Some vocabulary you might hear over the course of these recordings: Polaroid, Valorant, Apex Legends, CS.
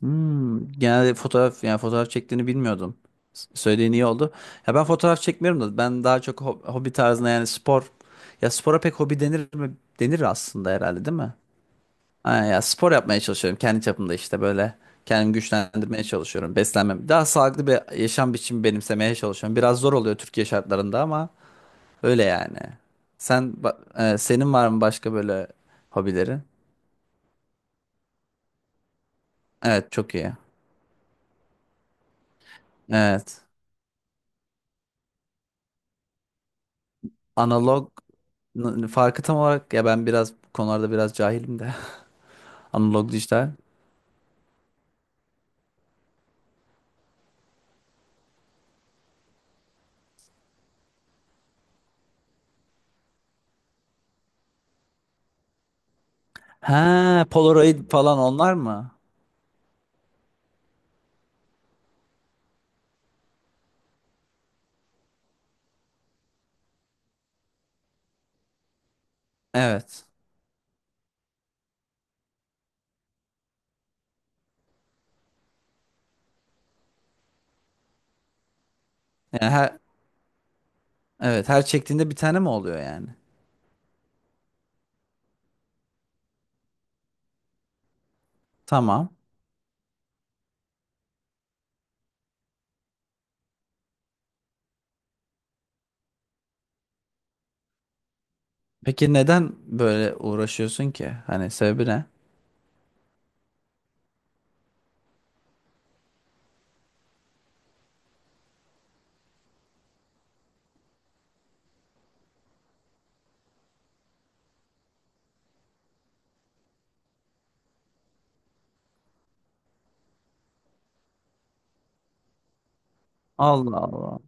Genelde fotoğraf, yani fotoğraf çektiğini bilmiyordum. Söylediğin iyi oldu. Ya ben fotoğraf çekmiyorum da ben daha çok hobi tarzında, yani spor. Ya spora pek hobi denir mi? Denir aslında herhalde, değil mi? Ha, ya spor yapmaya çalışıyorum kendi çapımda işte böyle. Kendimi güçlendirmeye çalışıyorum. Beslenmem. Daha sağlıklı bir yaşam biçimi benimsemeye çalışıyorum. Biraz zor oluyor Türkiye şartlarında ama öyle yani. Sen senin var mı başka böyle hobilerin? Evet, çok iyi. Evet. Analog, farkı tam olarak, ya ben biraz bu konularda biraz cahilim de. Analog, dijital. Ha, Polaroid falan onlar mı? Evet. Yani her, evet, her çektiğinde bir tane mi oluyor yani? Tamam. Peki neden böyle uğraşıyorsun ki? Hani sebebi ne? Allah Allah.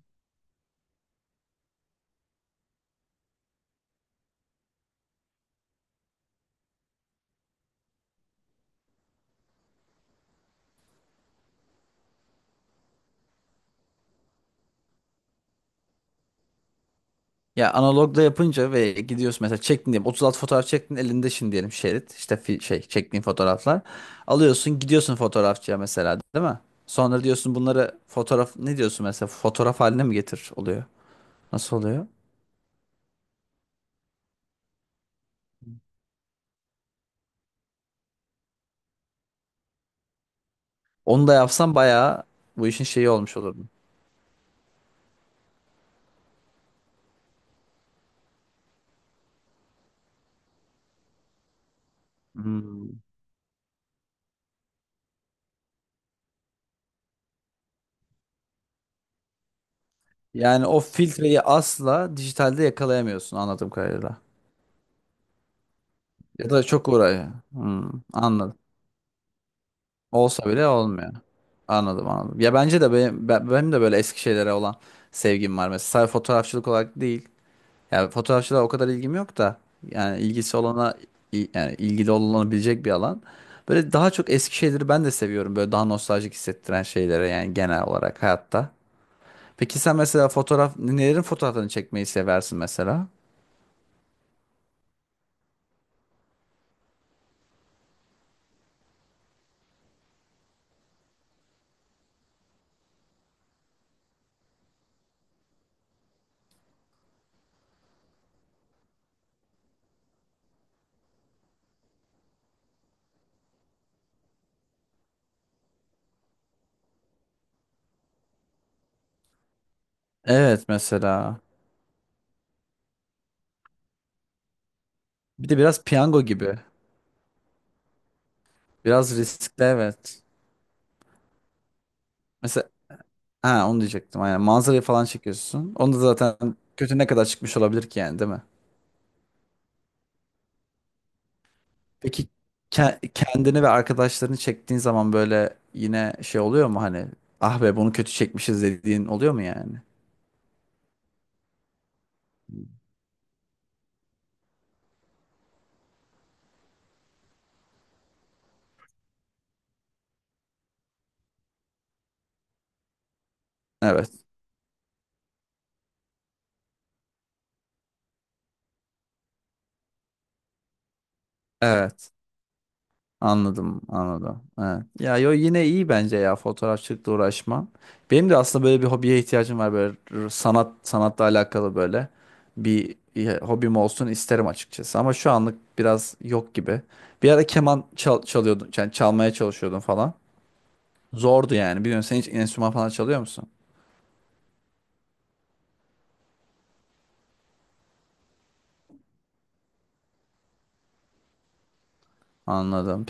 Ya analogda yapınca ve gidiyorsun, mesela çektin diyelim 36 fotoğraf çektin, elinde şimdi diyelim şerit, işte şey, çektiğin fotoğraflar, alıyorsun gidiyorsun fotoğrafçıya mesela, değil mi? Sonra diyorsun bunları fotoğraf, ne diyorsun mesela, fotoğraf haline mi getir oluyor? Nasıl oluyor? Onu da yapsam bayağı bu işin şeyi olmuş olurdu. Hmm. Yani o filtreyi asla dijitalde yakalayamıyorsun anladığım kadarıyla. Ya da çok uğraşıyor. Anladım. Olsa bile olmuyor. Anladım, anladım. Ya bence de benim, benim de böyle eski şeylere olan sevgim var. Mesela sadece fotoğrafçılık olarak değil. Yani fotoğrafçılığa o kadar ilgim yok da. Yani ilgisi olana, yani ilgili olunabilecek bir alan. Böyle daha çok eski şeyleri ben de seviyorum. Böyle daha nostaljik hissettiren şeylere, yani genel olarak hayatta. Peki sen mesela fotoğraf, nelerin fotoğraflarını çekmeyi seversin mesela? Evet mesela. Bir de biraz piyango gibi. Biraz riskli, evet. Mesela. Ha, onu diyecektim, aynen. Manzarayı falan çekiyorsun. Onu da zaten kötü ne kadar çıkmış olabilir ki yani, değil mi? Peki kendini ve arkadaşlarını çektiğin zaman böyle yine şey oluyor mu, hani "Ah be, bunu kötü çekmişiz" dediğin oluyor mu yani? Evet. Evet. Anladım, anladım. Evet. Ya, yo, yine iyi bence ya, fotoğrafçılıkla uğraşman. Benim de aslında böyle bir hobiye ihtiyacım var, böyle sanatla alakalı böyle bir hobim olsun isterim açıkçası, ama şu anlık biraz yok gibi. Bir ara keman çalıyordun, yani çalmaya çalışıyordun falan. Zordu yani. Biliyorsun, sen hiç enstrüman falan çalıyor musun? Anladım.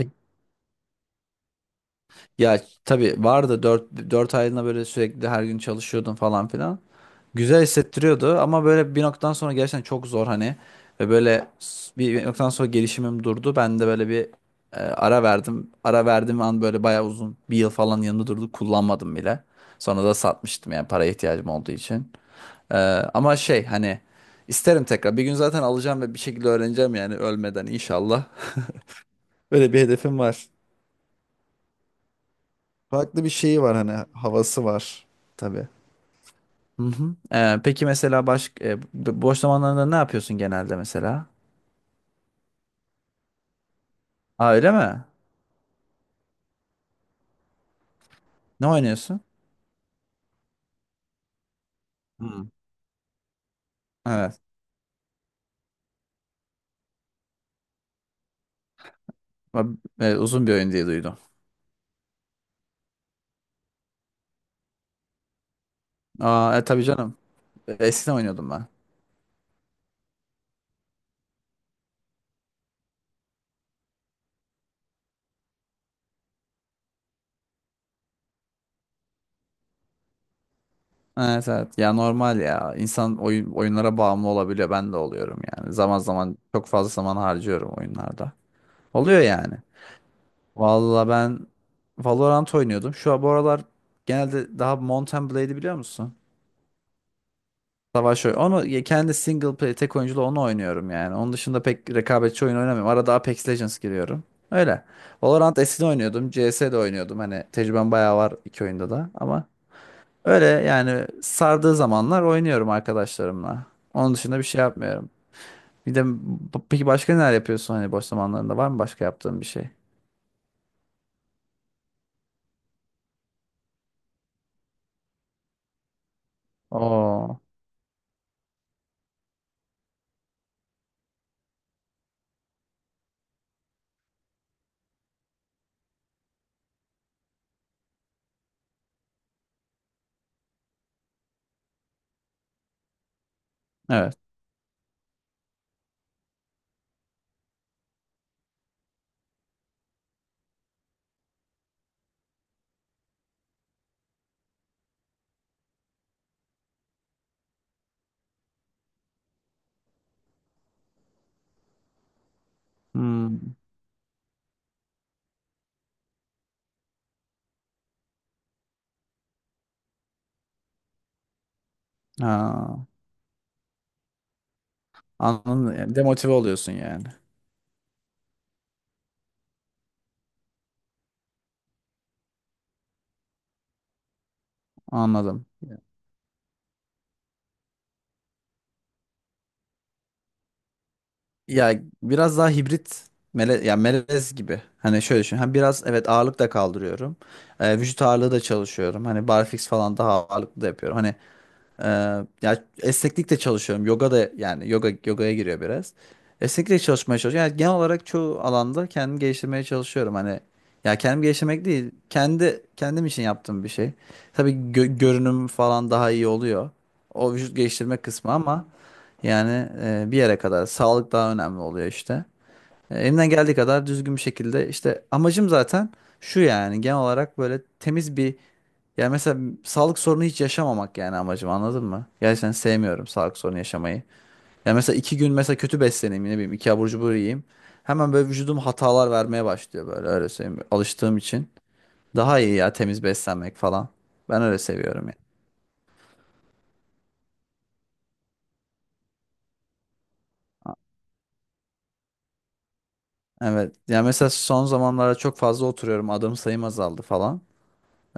Ya tabii vardı, dört aylığına böyle sürekli her gün çalışıyordun falan filan. Güzel hissettiriyordu ama böyle bir noktadan sonra gerçekten çok zor hani, ve böyle bir noktadan sonra gelişimim durdu. Ben de böyle bir ara verdim. Ara verdiğim an böyle bayağı uzun bir yıl falan yanında durdu, kullanmadım bile. Sonra da satmıştım yani, paraya ihtiyacım olduğu için. E, Ama şey, hani isterim tekrar. Bir gün zaten alacağım ve bir şekilde öğreneceğim yani, ölmeden inşallah. Böyle bir hedefim var. Farklı bir şeyi var, hani havası var. Tabii. Hı hı. Peki mesela boş zamanlarında ne yapıyorsun genelde mesela? Aa, öyle mi? Ne oynuyorsun? Hı. Evet. Uzun bir oyun diye duydum. Aa, tabii canım. Eskiden oynuyordum ben. Evet, evet. Ya normal ya. İnsan oyunlara bağımlı olabiliyor. Ben de oluyorum yani. Zaman zaman çok fazla zaman harcıyorum oyunlarda. Oluyor yani. Vallahi ben Valorant oynuyordum. Şu an bu aralar genelde daha, Mount and Blade'i biliyor musun? Savaş oyunu. Onu kendi single play, tek oyunculu onu oynuyorum yani. Onun dışında pek rekabetçi oyun oynamıyorum. Arada Apex Legends giriyorum. Öyle. Valorant eskiden oynuyordum. CS de oynuyordum. Hani tecrübem bayağı var iki oyunda da, ama öyle yani, sardığı zamanlar oynuyorum arkadaşlarımla. Onun dışında bir şey yapmıyorum. Bir de peki başka neler yapıyorsun, hani boş zamanlarında var mı başka yaptığın bir şey? Oo. Evet. Hmm. Ha. Anladım. Yani demotive oluyorsun yani. Anladım. Ya biraz daha hibrit, ya melez gibi. Hani şöyle düşün. Hani biraz, evet, ağırlık da kaldırıyorum. Vücut ağırlığı da çalışıyorum. Hani barfix falan daha ağırlıklı da yapıyorum. Hani ee, ya esneklikle çalışıyorum. Yoga da, yani yogaya giriyor biraz. Esneklikle çalışmaya çalışıyorum. Yani genel olarak çoğu alanda kendimi geliştirmeye çalışıyorum. Hani ya, kendimi geliştirmek değil, kendi kendim için yaptığım bir şey. Tabii görünüm falan daha iyi oluyor. O vücut geliştirme kısmı ama yani bir yere kadar sağlık daha önemli oluyor işte. Elimden geldiği kadar düzgün bir şekilde, işte amacım zaten şu yani, genel olarak böyle temiz bir, yani mesela sağlık sorunu hiç yaşamamak yani amacım, anladın mı? Gerçekten sevmiyorum sağlık sorunu yaşamayı. Yani mesela 2 gün mesela kötü besleneyim, ne bileyim, iki abur cubur yiyeyim. Hemen böyle vücudum hatalar vermeye başlıyor, böyle öyle söyleyeyim. Alıştığım için. Daha iyi ya, temiz beslenmek falan. Ben öyle seviyorum yani. Evet. Yani mesela son zamanlarda çok fazla oturuyorum. Adım sayım azaldı falan.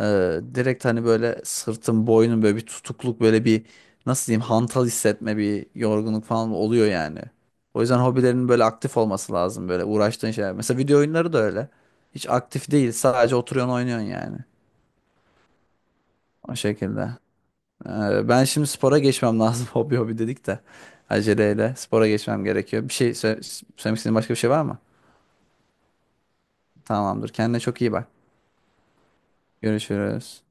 Direkt hani böyle sırtım, boynum, böyle bir tutukluk, böyle bir, nasıl diyeyim, hantal hissetme, bir yorgunluk falan oluyor yani. O yüzden hobilerin böyle aktif olması lazım, böyle uğraştığın şeyler. Mesela video oyunları da öyle. Hiç aktif değil, sadece oturuyorsun oynuyorsun yani. O şekilde. Ben şimdi spora geçmem lazım, hobi hobi dedik de. Aceleyle spora geçmem gerekiyor. Bir şey söylemek istediğin başka bir şey var mı? Tamamdır. Kendine çok iyi bak. Görüşürüz.